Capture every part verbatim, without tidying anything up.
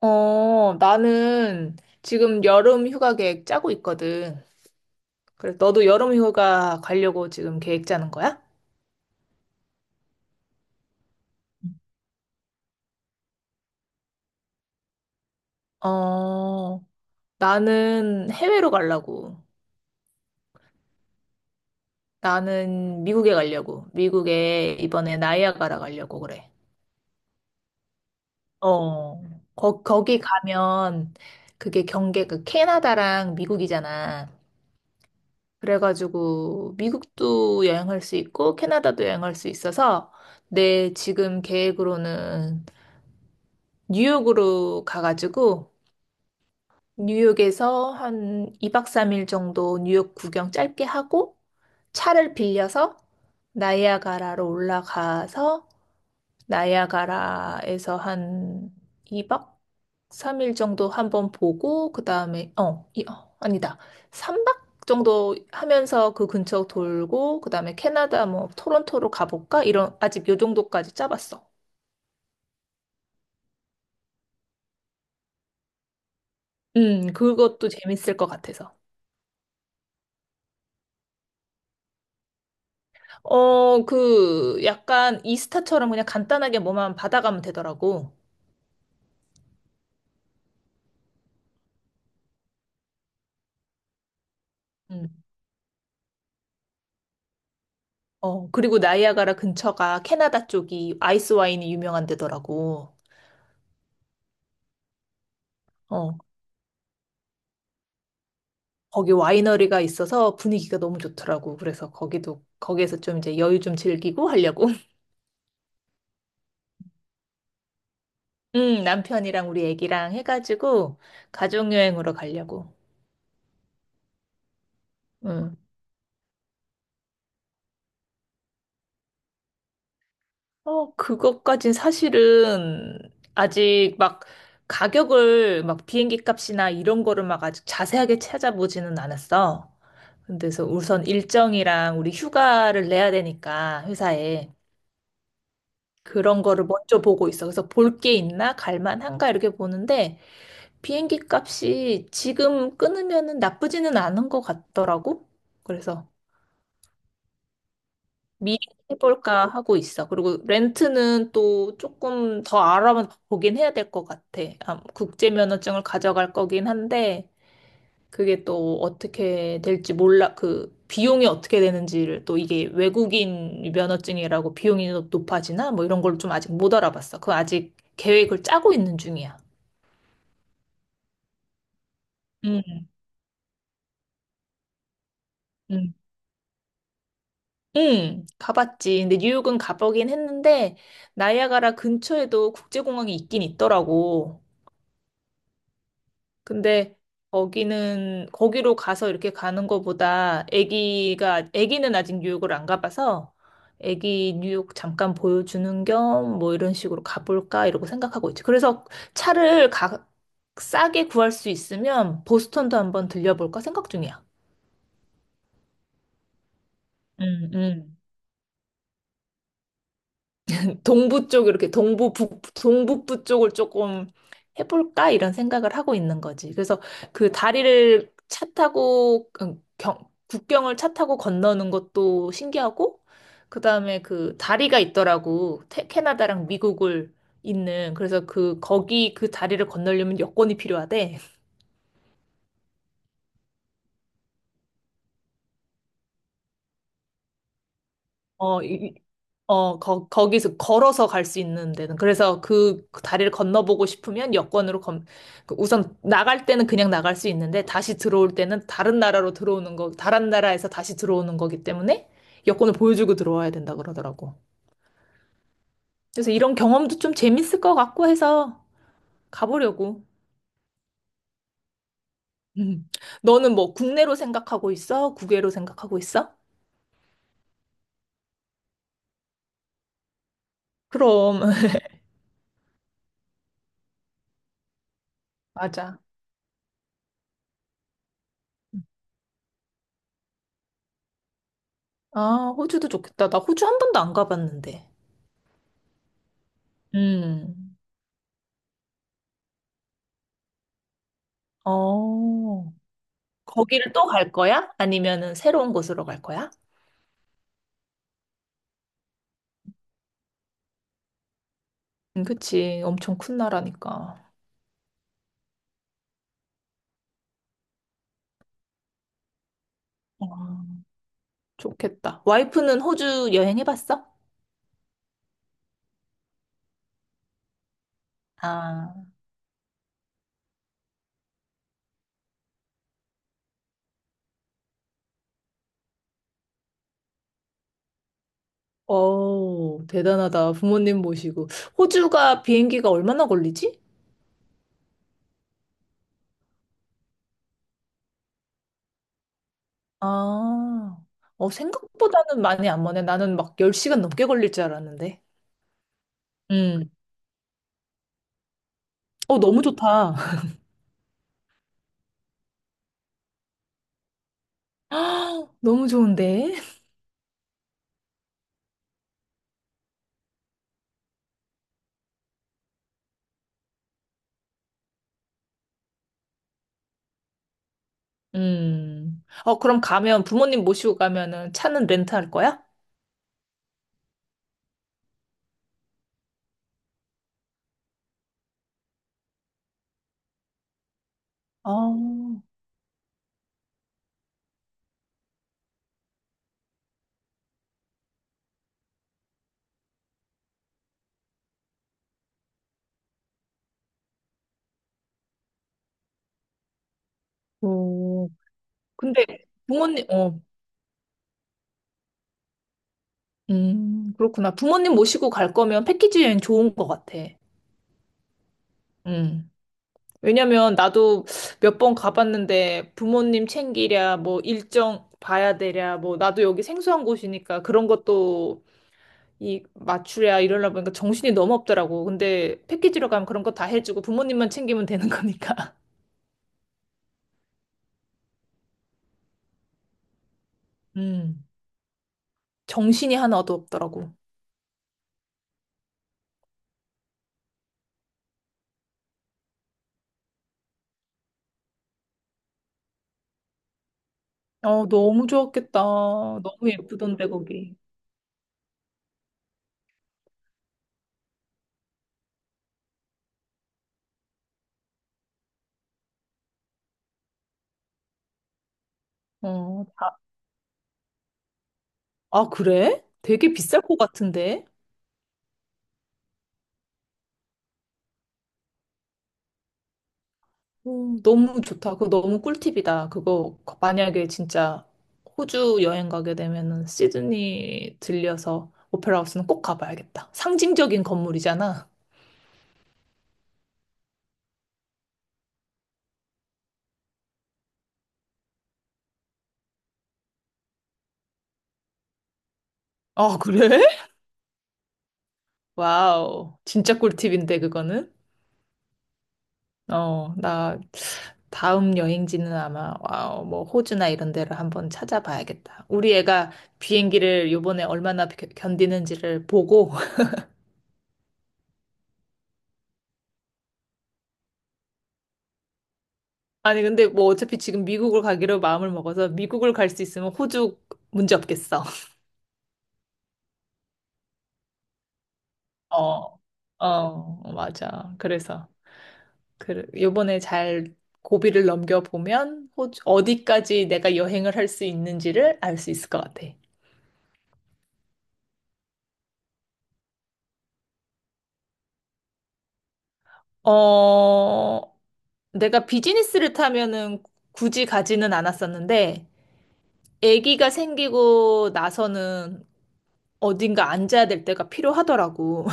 어, 나는 지금 여름 휴가 계획 짜고 있거든. 그래, 너도 여름 휴가 가려고 지금 계획 짜는 거야? 어, 나는 해외로 가려고. 나는 미국에 가려고. 미국에 이번에 나이아가라 가려고 그래. 어, 거, 거기 가면 그게 경계가 캐나다랑 미국이잖아. 그래가지고 미국도 여행할 수 있고 캐나다도 여행할 수 있어서 내 지금 계획으로는 뉴욕으로 가가지고 뉴욕에서 한 이 박 삼 일 정도 뉴욕 구경 짧게 하고 차를 빌려서 나이아가라로 올라가서 나이아가라에서 한 이 박 삼 일 정도 한번 보고 그다음에 어, 이, 어 아니다. 삼 박 정도 하면서 그 근처 돌고 그다음에 캐나다 뭐 토론토로 가볼까? 이런 아직 요 정도까지 짜봤어. 음, 그것도 재밌을 것 같아서. 어, 그, 약간 이스타처럼 그냥 간단하게 뭐만 받아가면 되더라고. 음. 어, 그리고 나이아가라 근처가 캐나다 쪽이 아이스 와인이 유명한 데더라고. 어, 거기 와이너리가 있어서 분위기가 너무 좋더라고. 그래서 거기도, 거기에서 좀 이제 여유 좀 즐기고 하려고. 음, 남편이랑 우리 애기랑 해가지고 가족여행으로 가려고. 음. 어, 그것까진 사실은 아직 막 가격을 막 비행기 값이나 이런 거를 막 아직 자세하게 찾아보지는 않았어. 근데서 우선 일정이랑 우리 휴가를 내야 되니까 회사에 그런 거를 먼저 보고 있어. 그래서 볼 게 있나? 갈 만한가? 이렇게 보는데 비행기 값이 지금 끊으면은 나쁘지는 않은 것 같더라고. 그래서 미리 해볼까 하고 있어. 그리고 렌트는 또 조금 더 알아보긴 해야 될 것 같아. 아, 국제 면허증을 가져갈 거긴 한데 그게 또 어떻게 될지 몰라. 그 비용이 어떻게 되는지를 또 이게 외국인 면허증이라고 비용이 높- 높아지나 뭐 이런 걸 좀 아직 못 알아봤어. 그 아직 계획을 짜고 있는 중이야. 응, 응, 응, 가봤지. 근데 뉴욕은 가보긴 했는데 나이아가라 근처에도 국제공항이 있긴 있더라고. 근데 거기는 거기로 가서 이렇게 가는 거보다 아기가 아기는 아직 뉴욕을 안 가봐서 아기 뉴욕 잠깐 보여주는 겸 뭐 이런 식으로 가볼까 이러고 생각하고 있지. 그래서 차를 가, 싸게 구할 수 있으면 보스턴도 한번 들려볼까 생각 중이야. 음, 음. 동부 쪽 이렇게 동부 북 동북부 쪽을 조금 해볼까 이런 생각을 하고 있는 거지. 그래서 그 다리를 차 타고 음, 경, 국경을 차 타고 건너는 것도 신기하고 그다음에 그 다리가 있더라고. 태- 캐나다랑 미국을 있는. 그래서 그 거기 그 다리를 건너려면 여권이 필요하대. 어, 이, 어, 거, 거기서 걸어서 갈 수 있는 데는. 그래서 그, 그 다리를 건너보고 싶으면 여권으로 검, 그 우선 나갈 때는 그냥 나갈 수 있는데 다시 들어올 때는 다른 나라로 들어오는 거, 다른 나라에서 다시 들어오는 거기 때문에 여권을 보여주고 들어와야 된다 그러더라고. 그래서 이런 경험도 좀 재밌을 것 같고 해서 가보려고. 음. 너는 뭐 국내로 생각하고 있어? 국외로 생각하고 있어? 그럼. 맞아. 음. 아, 호주도 좋겠다. 나 호주 한 번도 안 가봤는데. 음. 어, 거기를 또 갈 거야? 아니면은 새로운 곳으로 갈 거야? 음, 그치. 엄청 큰 나라니까. 와, 좋겠다. 와이프는 호주 여행 해봤어? 아, 어, 대단하다. 부모님 모시고. 호주가 비행기가 얼마나 걸리지? 아, 어, 생각보다는 많이 안 머네. 나는 막 열 시간 넘게 걸릴 줄 알았는데. 음, 어, 너무 좋다. 너무 좋은데? 음, 어, 그럼 가면, 부모님 모시고 가면은 차는 렌트할 거야? 아, 오. 근데 부모님, 어, 음, 그렇구나. 부모님 모시고 갈 거면 패키지 여행 좋은 것 같아. 음. 왜냐면 나도 몇 번 가봤는데 부모님 챙기랴, 뭐 일정 봐야 되랴, 뭐 나도 여기 생소한 곳이니까 그런 것도 이 맞추랴 이러려 보니까 정신이 너무 없더라고. 근데 패키지로 가면 그런 거 다 해주고 부모님만 챙기면 되는 거니까. 음. 정신이 하나도 없더라고. 어, 너무 좋았겠다. 너무 예쁘던데, 거기. 어. 아, 그래? 되게 비쌀 것 같은데? 음, 너무 좋다. 그거 너무 꿀팁이다. 그거 만약에 진짜 호주 여행 가게 되면은 시드니 들려서 오페라 하우스는 꼭 가봐야겠다. 상징적인 건물이잖아. 아, 그래? 와우. 진짜 꿀팁인데, 그거는? 어, 나 다음 여행지는 아마 와우, 뭐 호주나 이런 데를 한번 찾아봐야겠다. 우리 애가 비행기를 요번에 얼마나 겨- 견디는지를 보고 아니, 근데 뭐 어차피 지금 미국을 가기로 마음을 먹어서 미국을 갈 수 있으면 호주 문제 없겠어. 어, 어, 맞아. 그래서, 그, 요번에 잘 고비를 넘겨보면 호주, 어디까지 내가 여행을 할 수 있는지를 알 수 있을 것 같아. 어, 내가 비즈니스를 타면은 굳이 가지는 않았었는데, 아기가 생기고 나서는 어딘가 앉아야 될 때가 필요하더라고.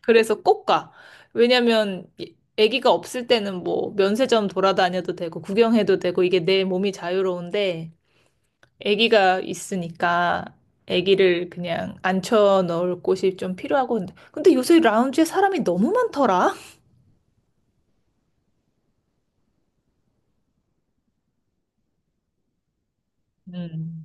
그래서 꼭 가. 왜냐면 이- 아기가 없을 때는 뭐 면세점 돌아다녀도 되고 구경해도 되고 이게 내 몸이 자유로운데 아기가 있으니까 아기를 그냥 앉혀 넣을 곳이 좀 필요하고 근데 근데 요새 라운지에 사람이 너무 많더라. 음.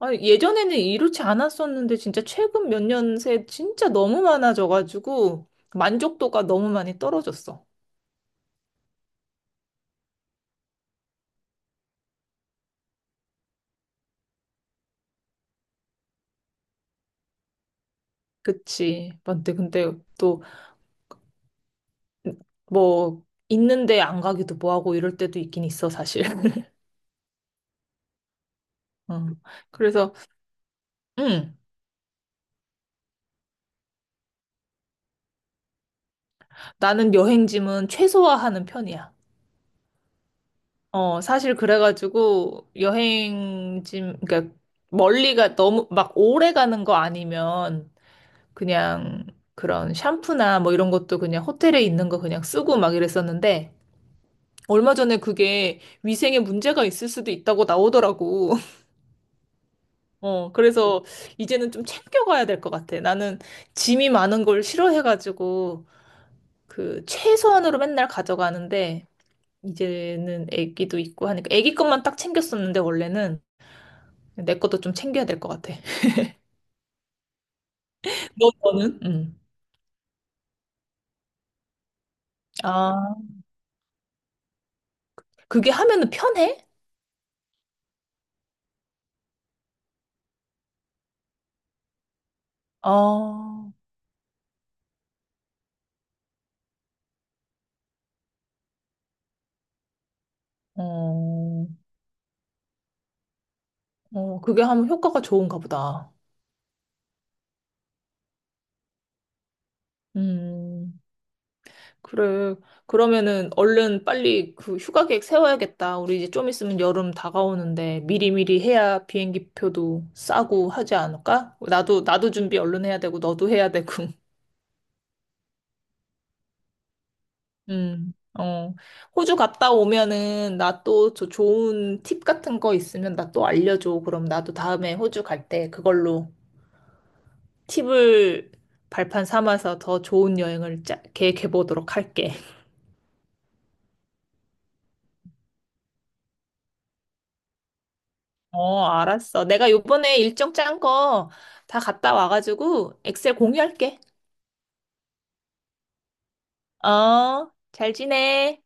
아니, 예전에는 이렇지 않았었는데 진짜 최근 몇 년 새 진짜 너무 많아져가지고 만족도가 너무 많이 떨어졌어. 그치. 근데 근데 또 뭐 있는데 안 가기도 뭐하고 이럴 때도 있긴 있어 사실. 어. 그래서 음 나는 여행짐은 최소화하는 편이야. 어 사실 그래가지고 여행짐 그러니까 멀리가 너무 막 오래 가는 거 아니면 그냥 그런 샴푸나 뭐 이런 것도 그냥 호텔에 있는 거 그냥 쓰고 막 이랬었는데 얼마 전에 그게 위생에 문제가 있을 수도 있다고 나오더라고. 어, 그래서 이제는 좀 챙겨가야 될 것 같아. 나는 짐이 많은 걸 싫어해가지고 그 최소한으로 맨날 가져가는데 이제는 애기도 있고 하니까 애기 것만 딱 챙겼었는데 원래는 내 것도 좀 챙겨야 될 것 같아. 너, 너는? 응. 아, 그게 하면은 편해? 아, 어, 어, 그게 하면 효과가 좋은가 보다. 음. 그래. 그러면은 얼른 빨리 그 휴가 계획 세워야겠다. 우리 이제 좀 있으면 여름 다가오는데 미리미리 해야 비행기 표도 싸고 하지 않을까? 나도, 나도 준비 얼른 해야 되고, 너도 해야 되고. 음, 어. 호주 갔다 오면은 나 또 저 좋은 팁 같은 거 있으면 나 또 알려줘. 그럼 나도 다음에 호주 갈 때 그걸로 팁을 발판 삼아서 더 좋은 여행을 짜- 계획해 보도록 할게. 어, 알았어. 내가 요번에 일정 짠 거 다 갔다 와가지고 엑셀 공유할게. 어, 잘 지내.